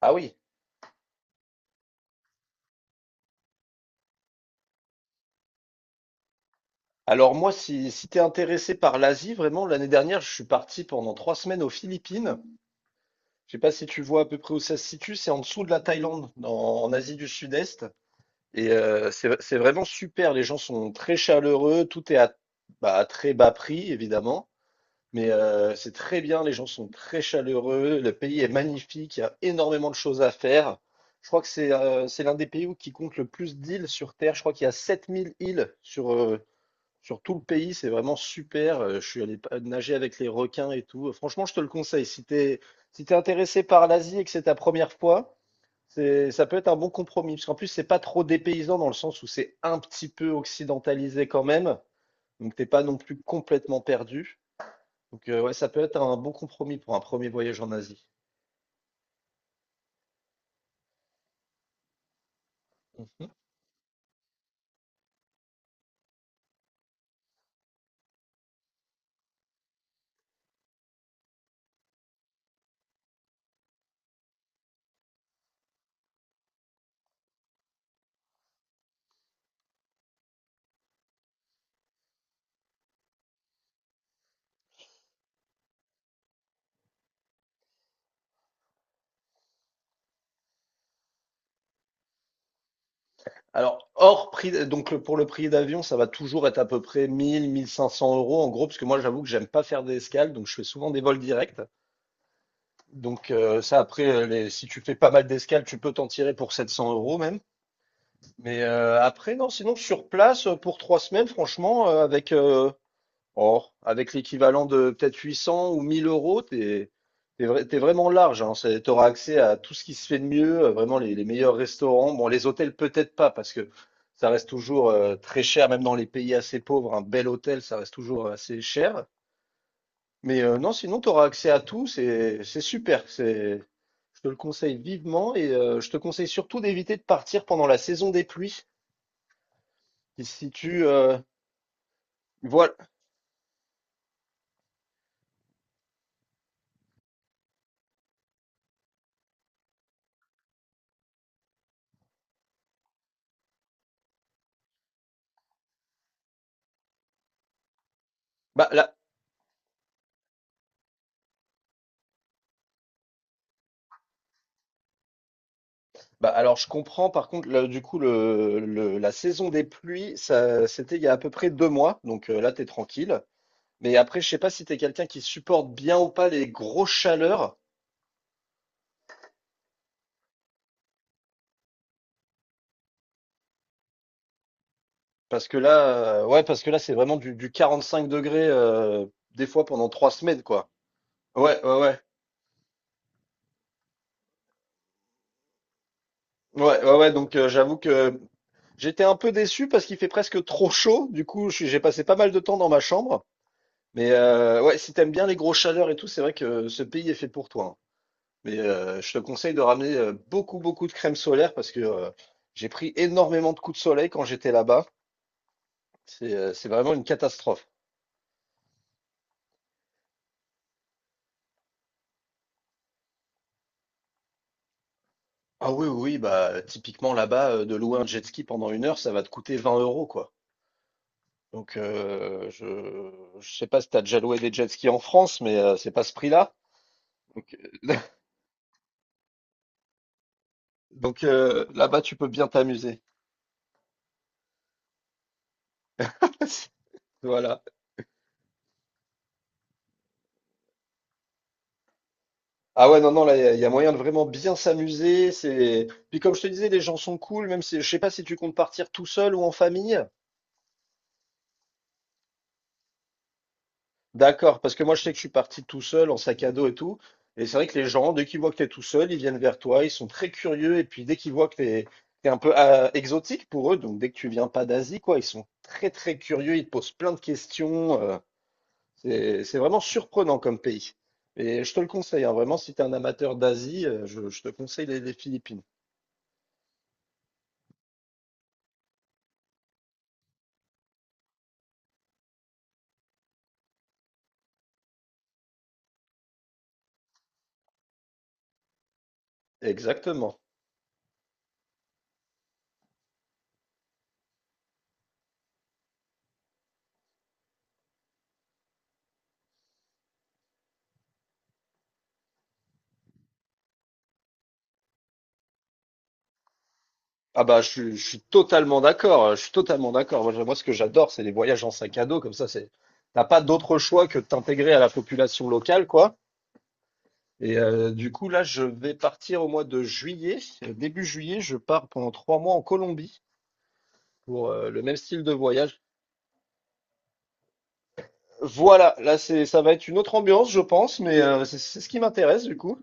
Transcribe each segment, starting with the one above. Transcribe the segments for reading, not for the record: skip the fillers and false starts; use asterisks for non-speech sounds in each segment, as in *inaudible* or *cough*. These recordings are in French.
Ah oui. Alors moi, si t'es intéressé par l'Asie, vraiment, l'année dernière, je suis parti pendant 3 semaines aux Philippines. Je sais pas si tu vois à peu près où ça se situe, c'est en dessous de la Thaïlande, en Asie du Sud-Est. Et c'est vraiment super, les gens sont très chaleureux, tout est à très bas prix, évidemment. Mais c'est très bien, les gens sont très chaleureux, le pays est magnifique, il y a énormément de choses à faire. Je crois que c'est l'un des pays où qui compte le plus d'îles sur Terre. Je crois qu'il y a 7 000 îles sur tout le pays, c'est vraiment super. Je suis allé nager avec les requins et tout. Franchement, je te le conseille. Si t'es intéressé par l'Asie et que c'est ta première fois, c'est, ça peut être un bon compromis. Parce qu'en plus, c'est pas trop dépaysant dans le sens où c'est un petit peu occidentalisé quand même. Donc, t'es pas non plus complètement perdu. Donc, ouais, ça peut être un bon compromis pour un premier voyage en Asie. Mhm. Alors, hors prix, donc pour le prix d'avion, ça va toujours être à peu près 1000, 1500 euros en gros, parce que moi, j'avoue que j'aime pas faire des escales, donc je fais souvent des vols directs. Donc ça, après, si tu fais pas mal d'escales, tu peux t'en tirer pour 700 euros même. Mais après, non, sinon sur place, pour 3 semaines, franchement, avec l'équivalent de peut-être 800 ou 1000 euros, t'es vraiment large. Hein, t'auras accès à tout ce qui se fait de mieux, vraiment les meilleurs restaurants. Bon, les hôtels peut-être pas, parce que ça reste toujours très cher, même dans les pays assez pauvres, un bel hôtel, ça reste toujours assez cher. Mais non, sinon, tu auras accès à tout, c'est super. Je te le conseille vivement et je te conseille surtout d'éviter de partir pendant la saison des pluies. Qui se situe, voilà. Bah là, bah alors je comprends. Par contre, là, du coup, la saison des pluies, ça, c'était il y a à peu près 2 mois, donc là, t'es tranquille. Mais après, je sais pas si t'es quelqu'un qui supporte bien ou pas les grosses chaleurs, ouais, parce que là, c'est vraiment du 45 degrés, des fois pendant 3 semaines, quoi. Ouais, ouais, ouais. Ouais, ouais, ouais, donc j'avoue que j'étais un peu déçu parce qu'il fait presque trop chaud. Du coup, j'ai passé pas mal de temps dans ma chambre. Mais ouais, si t'aimes bien les grosses chaleurs et tout, c'est vrai que ce pays est fait pour toi, hein. Mais je te conseille de ramener beaucoup, beaucoup de crème solaire parce que j'ai pris énormément de coups de soleil quand j'étais là-bas. C'est vraiment une catastrophe. Ah oui, oui, oui, bah typiquement là-bas, de louer un jet ski pendant une heure, ça va te coûter 20 euros, quoi. Donc je sais pas si t'as déjà loué des jet skis en France, mais c'est pas ce prix-là. Donc, heu, *laughs* donc, là-bas, tu peux bien t'amuser. *laughs* Voilà. Ah ouais, non, non, là, il y a moyen de vraiment bien s'amuser. C'est puis comme je te disais, les gens sont cool, même si je sais pas si tu comptes partir tout seul ou en famille? D'accord, parce que moi, je sais que je suis parti tout seul, en sac à dos et tout. Et c'est vrai que les gens, dès qu'ils voient que tu es tout seul, ils viennent vers toi, ils sont très curieux. Et puis, dès qu'ils voient que tu es, un peu ah, exotique pour eux, donc dès que tu viens pas d'Asie, quoi, ils sont très, très curieux, ils te posent plein de questions. C'est vraiment surprenant comme pays. Et je te le conseille, hein, vraiment, si tu es un amateur d'Asie, je te conseille les Philippines. Exactement. Ah bah, je suis totalement d'accord. Je suis totalement d'accord. Moi, moi, ce que j'adore, c'est les voyages en sac à dos. Comme ça, t'as pas d'autre choix que de t'intégrer à la population locale, quoi. Et du coup, là, je vais partir au mois de juillet. Début juillet, je pars pendant 3 mois en Colombie pour le même style de voyage. Voilà, là, ça va être une autre ambiance, je pense, mais c'est ce qui m'intéresse, du coup.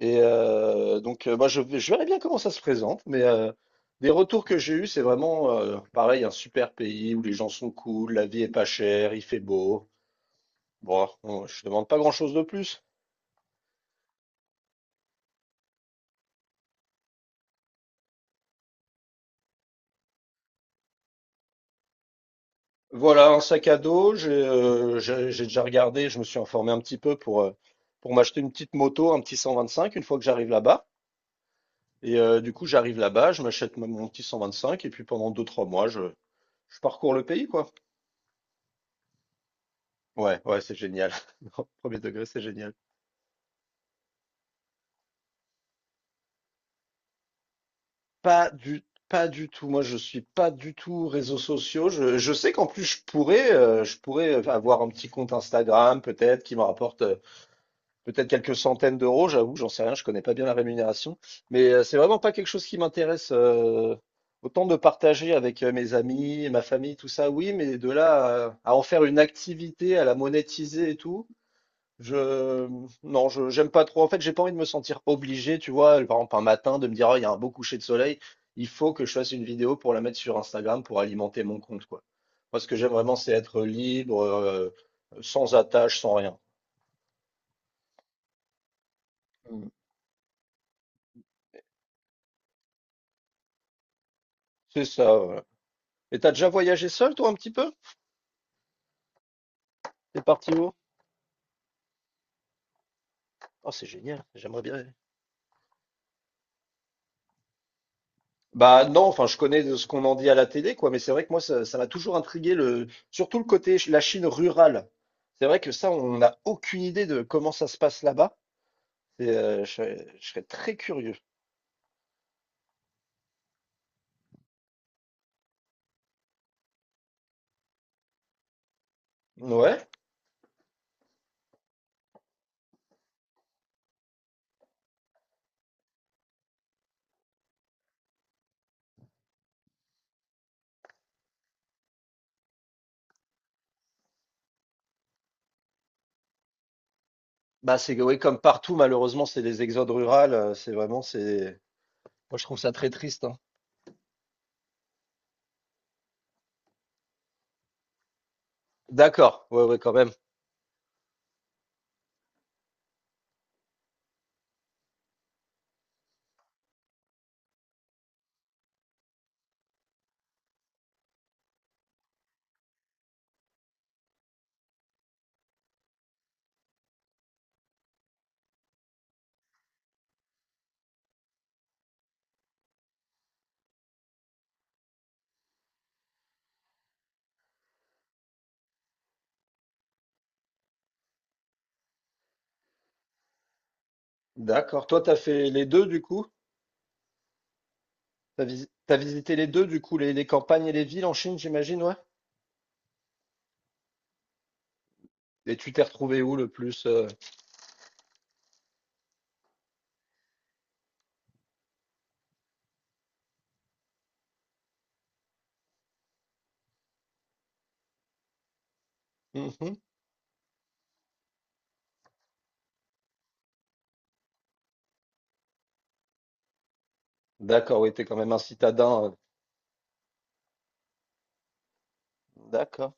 Et donc, bah, je verrai bien comment ça se présente, mais des retours que j'ai eus, c'est vraiment pareil, un super pays où les gens sont cool, la vie est pas chère, il fait beau. Bon, je demande pas grand-chose de plus. Voilà, un sac à dos, j'ai déjà regardé, je me suis informé un petit peu pour m'acheter une petite moto, un petit 125 une fois que j'arrive là-bas. Et du coup, j'arrive là-bas, je m'achète mon petit 125 et puis pendant deux-trois mois, je parcours le pays, quoi. Ouais, ouais, c'est génial. *laughs* Premier degré, c'est génial. Pas du, pas du tout. Moi, je suis pas du tout réseaux sociaux. Je sais qu'en plus, je pourrais avoir un petit compte Instagram, peut-être, qui me rapporte peut-être quelques centaines d'euros. J'avoue, j'en sais rien. Je connais pas bien la rémunération, mais c'est vraiment pas quelque chose qui m'intéresse. Autant de partager avec mes amis, ma famille, tout ça, oui, mais de là à en faire une activité, à la monétiser et tout, je non, je j'aime pas trop. En fait, j'ai pas envie de me sentir obligé, tu vois, par exemple un matin de me dire, Ah, il y a un beau coucher de soleil, il faut que je fasse une vidéo pour la mettre sur Instagram pour alimenter mon compte, quoi. Moi, ce que j'aime vraiment, c'est être libre, sans attache, sans rien. Mm. C'est ça, voilà. Et t'as déjà voyagé seul, toi, un petit peu? T'es parti où? Oh, c'est génial, j'aimerais bien. Bah non, enfin je connais de ce qu'on en dit à la télé, quoi, mais c'est vrai que moi ça m'a toujours intrigué le surtout le côté la Chine rurale. C'est vrai que ça, on n'a aucune idée de comment ça se passe là-bas. Et, je serais très curieux. Ouais. Bah c'est que oui, comme partout, malheureusement, c'est les exodes rurales. C'est vraiment c'est. Moi je trouve ça très triste, hein. D'accord, ouais, ouais, quand même. D'accord. Toi, t'as fait les deux du coup? T'as visité les deux, du coup, les campagnes et les villes en Chine, j'imagine, ouais. Et tu t'es retrouvé où le plus? Mhm. D'accord, oui, t'es quand même un citadin. D'accord.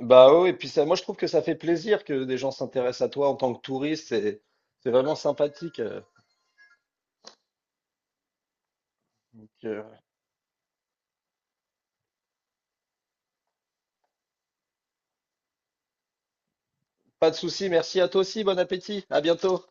Bah oui, oui, et puis ça, moi je trouve que ça fait plaisir que des gens s'intéressent à toi en tant que touriste, c'est vraiment sympathique. Donc, pas de souci, merci à toi aussi, bon appétit, à bientôt.